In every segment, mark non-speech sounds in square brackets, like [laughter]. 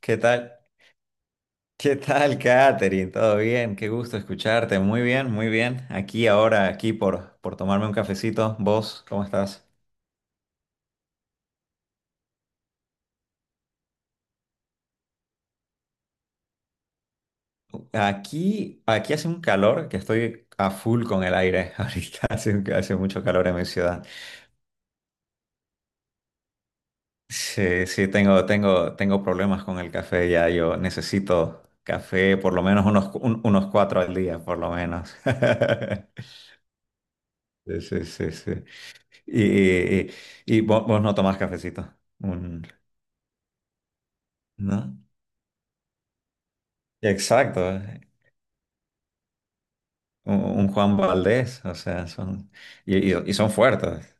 ¿Qué tal? ¿Qué tal, Katherine? ¿Todo bien? Qué gusto escucharte. Muy bien, muy bien. Aquí ahora, aquí por tomarme un cafecito. ¿Vos cómo estás? Aquí hace un calor que estoy a full con el aire. [laughs] Ahorita hace mucho calor en mi ciudad. Sí, sí, tengo problemas con el café ya. Yo necesito café por lo menos unos cuatro al día, por lo menos. [laughs] Sí, sí, sí, sí. Y, y, y- y vos no tomás cafecito. Un- ¿No? Exacto, un Juan Valdés, o sea, y son fuertes,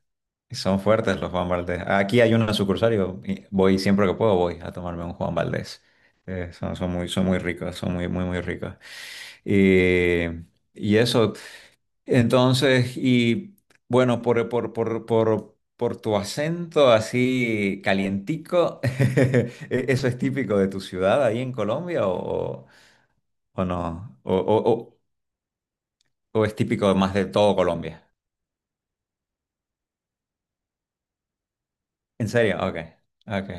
y son fuertes los Juan Valdés. Aquí hay una sucursal, y voy siempre que puedo, voy a tomarme un Juan Valdés. Son muy ricos, son muy, muy, muy ricos. Y, y eso, entonces, y bueno, por tu acento así calientico. [laughs] ¿eso es típico de tu ciudad ahí en Colombia o- no? ¿O es típico más de todo Colombia? ¿En serio? Ok, ok.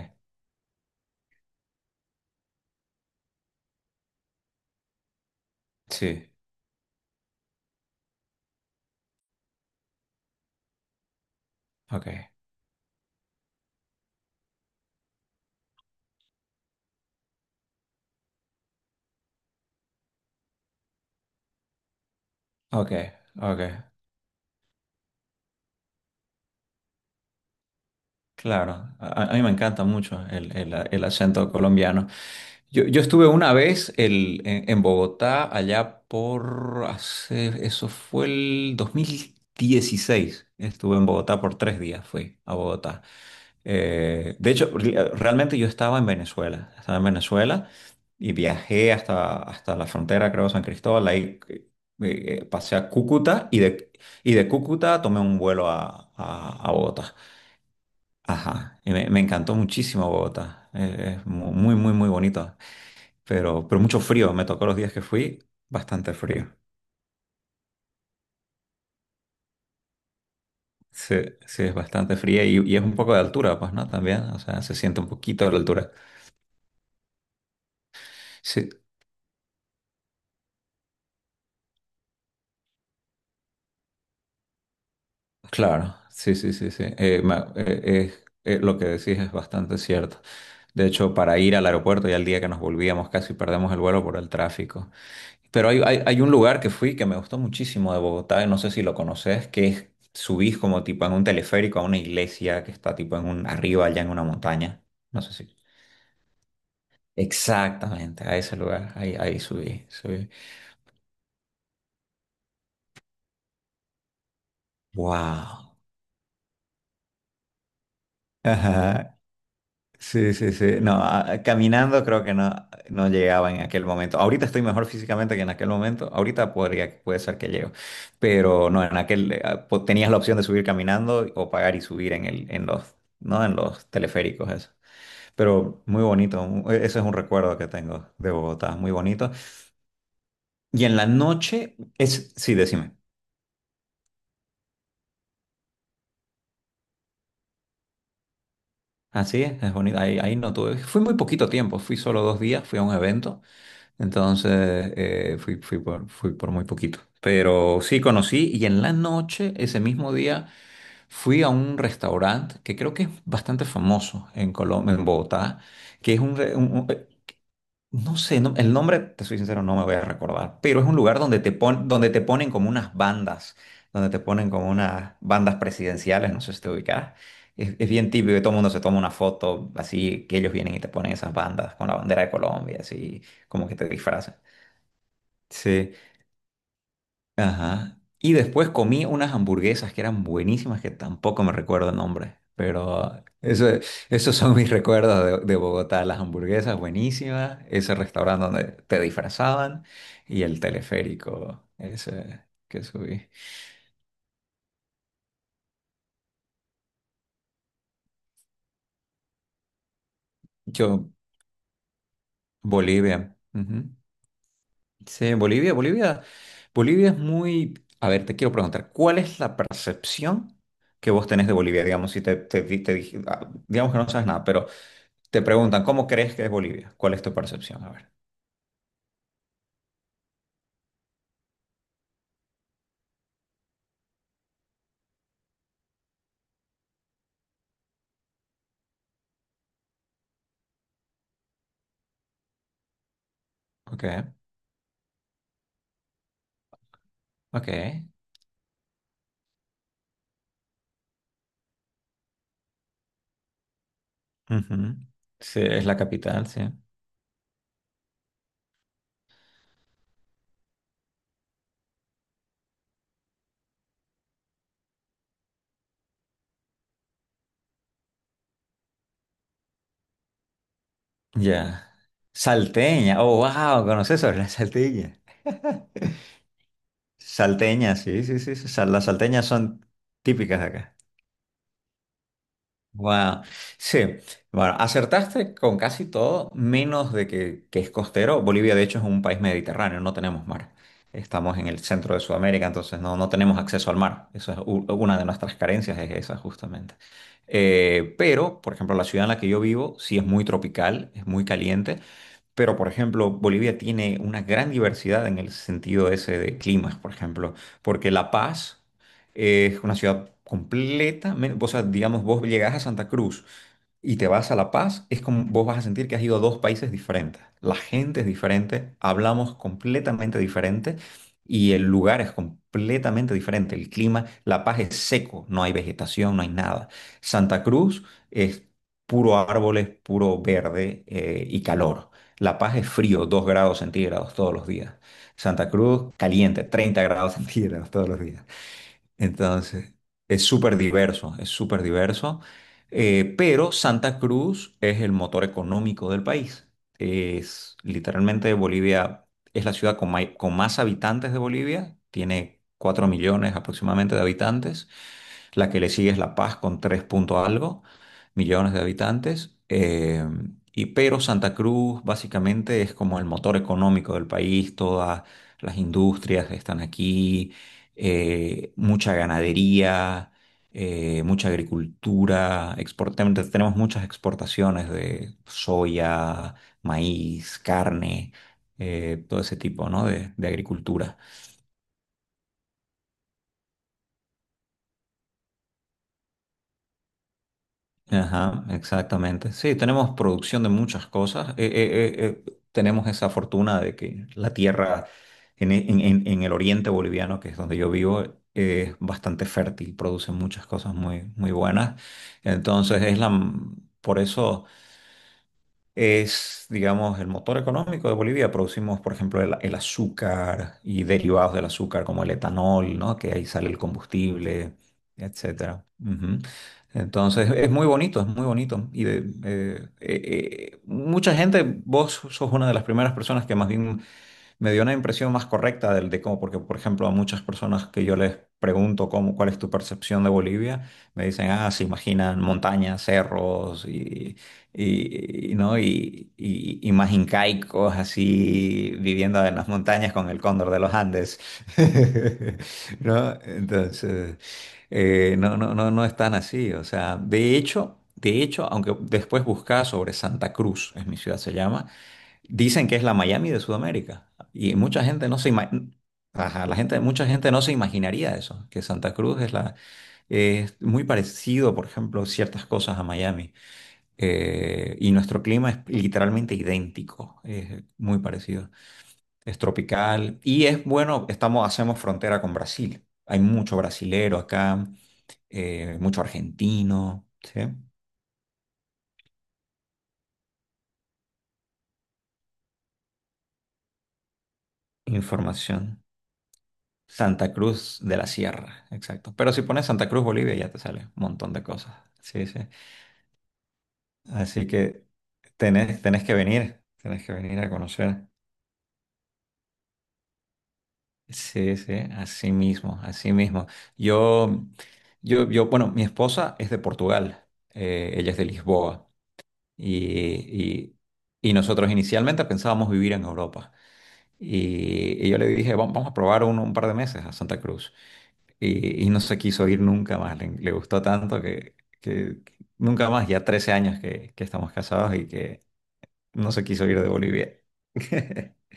Sí, ok, ok, ok. Claro, a mí me encanta mucho el acento colombiano. Yo estuve una vez en Bogotá, allá por hace, eso fue el 2016. Estuve en Bogotá por 3 días, fui a Bogotá. De hecho, realmente yo estaba en Venezuela, y viajé hasta la frontera, creo, San Cristóbal. Ahí, pasé a Cúcuta y de Cúcuta tomé un vuelo a Bogotá. Ajá, y me encantó muchísimo Bogotá. Es muy, muy, muy bonito. Pero mucho frío, me tocó los días que fui, bastante frío. Sí, sí, es bastante fría y es un poco de altura, pues, ¿no? También, o sea, se siente un poquito de la altura. Sí, claro, sí, sí, sí, sí. Lo que decís es bastante cierto. De hecho, para ir al aeropuerto y al día que nos volvíamos casi perdemos el vuelo por el tráfico. Pero hay un lugar que fui que me gustó muchísimo de Bogotá, y no sé si lo conoces, que es, subís como tipo en un teleférico a una iglesia que está tipo arriba allá en una montaña. No sé si. Exactamente, a ese lugar, ahí subí, subí. Wow. Sí, sí, sí. No, caminando creo que no llegaba en aquel momento. Ahorita estoy mejor físicamente que en aquel momento. Ahorita podría, puede ser que llego. Pero no, en aquel ah, po- tenías la opción de subir caminando o pagar y subir en los, ¿no? En los teleféricos, eso. Pero muy bonito. Ese es un recuerdo que tengo de Bogotá, muy bonito. Y en la noche es, sí, decime. Así es bonito. Ahí no tuve. Fui muy poquito tiempo, fui solo 2 días, fui a un evento. Entonces fui, fui por muy poquito. Pero sí conocí y en la noche, ese mismo día, fui a un restaurante que creo que es bastante famoso en Colombia, en Bogotá, que es un, re- un- no sé, el nombre, te soy sincero, no me voy a recordar, pero es un lugar donde te ponen como unas bandas, donde te ponen como unas bandas presidenciales, no sé si te ubicas. Es bien típico que todo el mundo se toma una foto así, que ellos vienen y te ponen esas bandas con la bandera de Colombia, así como que te disfrazan. Sí, ajá. Y después comí unas hamburguesas que eran buenísimas, que tampoco me recuerdo el nombre, pero esos son mis recuerdos de Bogotá, las hamburguesas buenísimas, ese restaurante donde te disfrazaban y el teleférico ese que subí. Yo, Bolivia. Ujú. Sí, Bolivia, Bolivia. Bolivia es muy... A ver, te quiero preguntar, ¿cuál es la percepción que vos tenés de Bolivia? Digamos, si te, te, di- te dije- ah, digamos que no sabes nada, pero... Te preguntan, ¿cómo crees que es Bolivia? ¿Cuál es tu percepción? A ver. Ok, ok. Ujú. Sí, es la capital, sí. Ya. Salteña. Oh, wow, ¿conoces sobre la salteña? Salteña, sí, sí, sí, sí. Las salteñas son típicas de acá. Wow. Sí, bueno, acertaste con casi todo, menos de que es costero. Bolivia, de hecho, es un país mediterráneo, no tenemos mar. Estamos en el centro de Sudamérica, entonces no tenemos acceso al mar. Eso es una de nuestras carencias, es esa justamente. Pero, por ejemplo, la ciudad en la que yo vivo sí es muy tropical, es muy caliente. Pero, por ejemplo, Bolivia tiene una gran diversidad en el sentido ese de climas, por ejemplo, porque La Paz es una ciudad completamente, o sea, digamos, vos llegás a Santa Cruz y te vas a La Paz, es como vos vas a sentir que has ido a dos países diferentes. La gente es diferente, hablamos completamente diferente y el lugar es completamente diferente. El clima, La Paz es seco, no hay vegetación, no hay nada. Santa Cruz es puro árboles, puro verde y calor. La Paz es frío, 2 grados centígrados todos los días. Santa Cruz caliente, 30 grados [laughs] centígrados todos los días. Entonces, es súper diverso, pero Santa Cruz es el motor económico del país. Es literalmente Bolivia, es la ciudad con más habitantes de Bolivia, tiene 4 millones aproximadamente de habitantes. La que le sigue es La Paz con 3 punto algo millones de habitantes. Pero Santa Cruz básicamente es como el motor económico del país, todas las industrias están aquí, mucha ganadería, mucha agricultura, exportamos, tenemos muchas exportaciones de soya, maíz, carne, todo ese tipo, ¿no? de agricultura. Ajá, exactamente. Sí, tenemos producción de muchas cosas. Tenemos esa fortuna de que la tierra en, e- en- en el oriente boliviano, que es donde yo vivo, es bastante fértil, produce muchas cosas muy, muy buenas. Entonces, por eso es, digamos, el motor económico de Bolivia. Producimos, por ejemplo, el azúcar y derivados del azúcar como el etanol, ¿no? Que ahí sale el combustible, etcétera. Ujú. Entonces, es muy bonito, es muy bonito. Mucha gente, vos sos una de las primeras personas que más bien me dio una impresión más correcta del, de cómo, porque por ejemplo a muchas personas que yo les pregunto cómo, cuál es tu percepción de Bolivia, me dicen, ah, se imaginan montañas, cerros y, ¿no?, y más incaicos así viviendo en las montañas con el cóndor de los Andes. [laughs] ¿No? Entonces, no, no, no, no es tan así, o sea, de hecho... De hecho, aunque después buscaba sobre Santa Cruz, es mi ciudad se llama, dicen que es la Miami de Sudamérica y mucha gente no se ima-. Ajá, mucha gente no se imaginaría eso, que Santa Cruz es muy parecido, por ejemplo, ciertas cosas a Miami. Y nuestro clima es literalmente idéntico, es muy parecido, es tropical y es bueno, estamos hacemos frontera con Brasil, hay mucho brasilero acá, mucho argentino, ¿sí? Información. Santa Cruz de la Sierra, exacto. Pero si pones Santa Cruz, Bolivia, ya te sale un montón de cosas. Sí, sí. Así que tenés que venir a conocer. Sí, sí, así mismo, así mismo. Yo, bueno, mi esposa es de Portugal, ella es de Lisboa y, y- y nosotros inicialmente pensábamos vivir en Europa. Y yo le dije, "Vamos a probar un par de meses a Santa Cruz". Y no se quiso ir nunca más, le gustó tanto que nunca más, ya 13 años que estamos casados y que no se quiso ir de Bolivia. [laughs]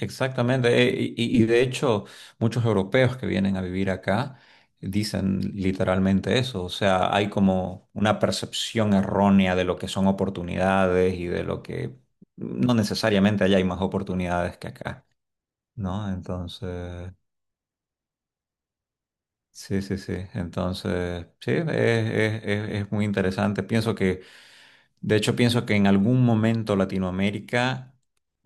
Exactamente, y de hecho muchos europeos que vienen a vivir acá dicen literalmente eso, o sea, hay como una percepción errónea de lo que son oportunidades y de lo que no necesariamente allá hay más oportunidades que acá, ¿no? Entonces... Sí, sí, sí. Entonces, sí, es muy interesante. Pienso que, de hecho, pienso que en algún momento Latinoamérica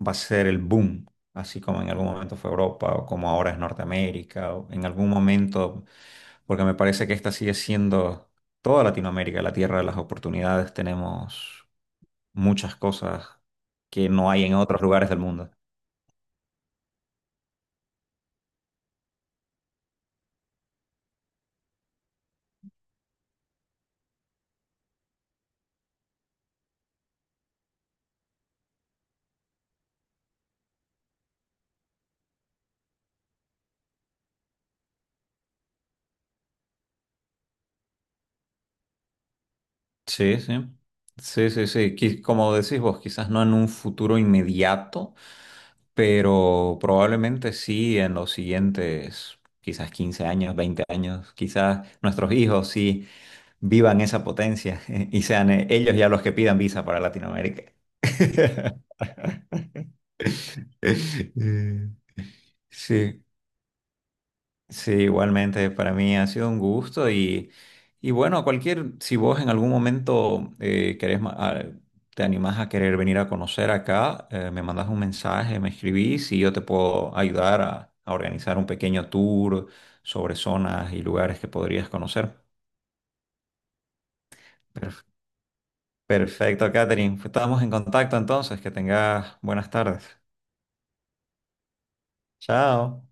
va a ser el boom, así como en algún momento fue Europa o como ahora es Norteamérica, o en algún momento, porque me parece que esta sigue siendo toda Latinoamérica, la tierra de las oportunidades. Tenemos muchas cosas que no hay en otros lugares del mundo. Sí, sí. Sí, sí, sí. Como decís vos, quizás no en un futuro inmediato pero probablemente sí en los siguientes quizás 15 años, 20 años, quizás nuestros hijos sí vivan esa potencia [laughs] y sean ellos ya los que pidan visa para Latinoamérica. [laughs] Sí. Sí, igualmente para mí ha sido un gusto y bueno, cualquier, si vos en algún momento querés, ma- a- te animás a querer venir a conocer acá, me mandas un mensaje, me escribís y yo te puedo ayudar a organizar un pequeño tour sobre zonas y lugares que podrías conocer. Per- Perfecto, Catherine. Estamos en contacto entonces, que tengas buenas tardes. Chao.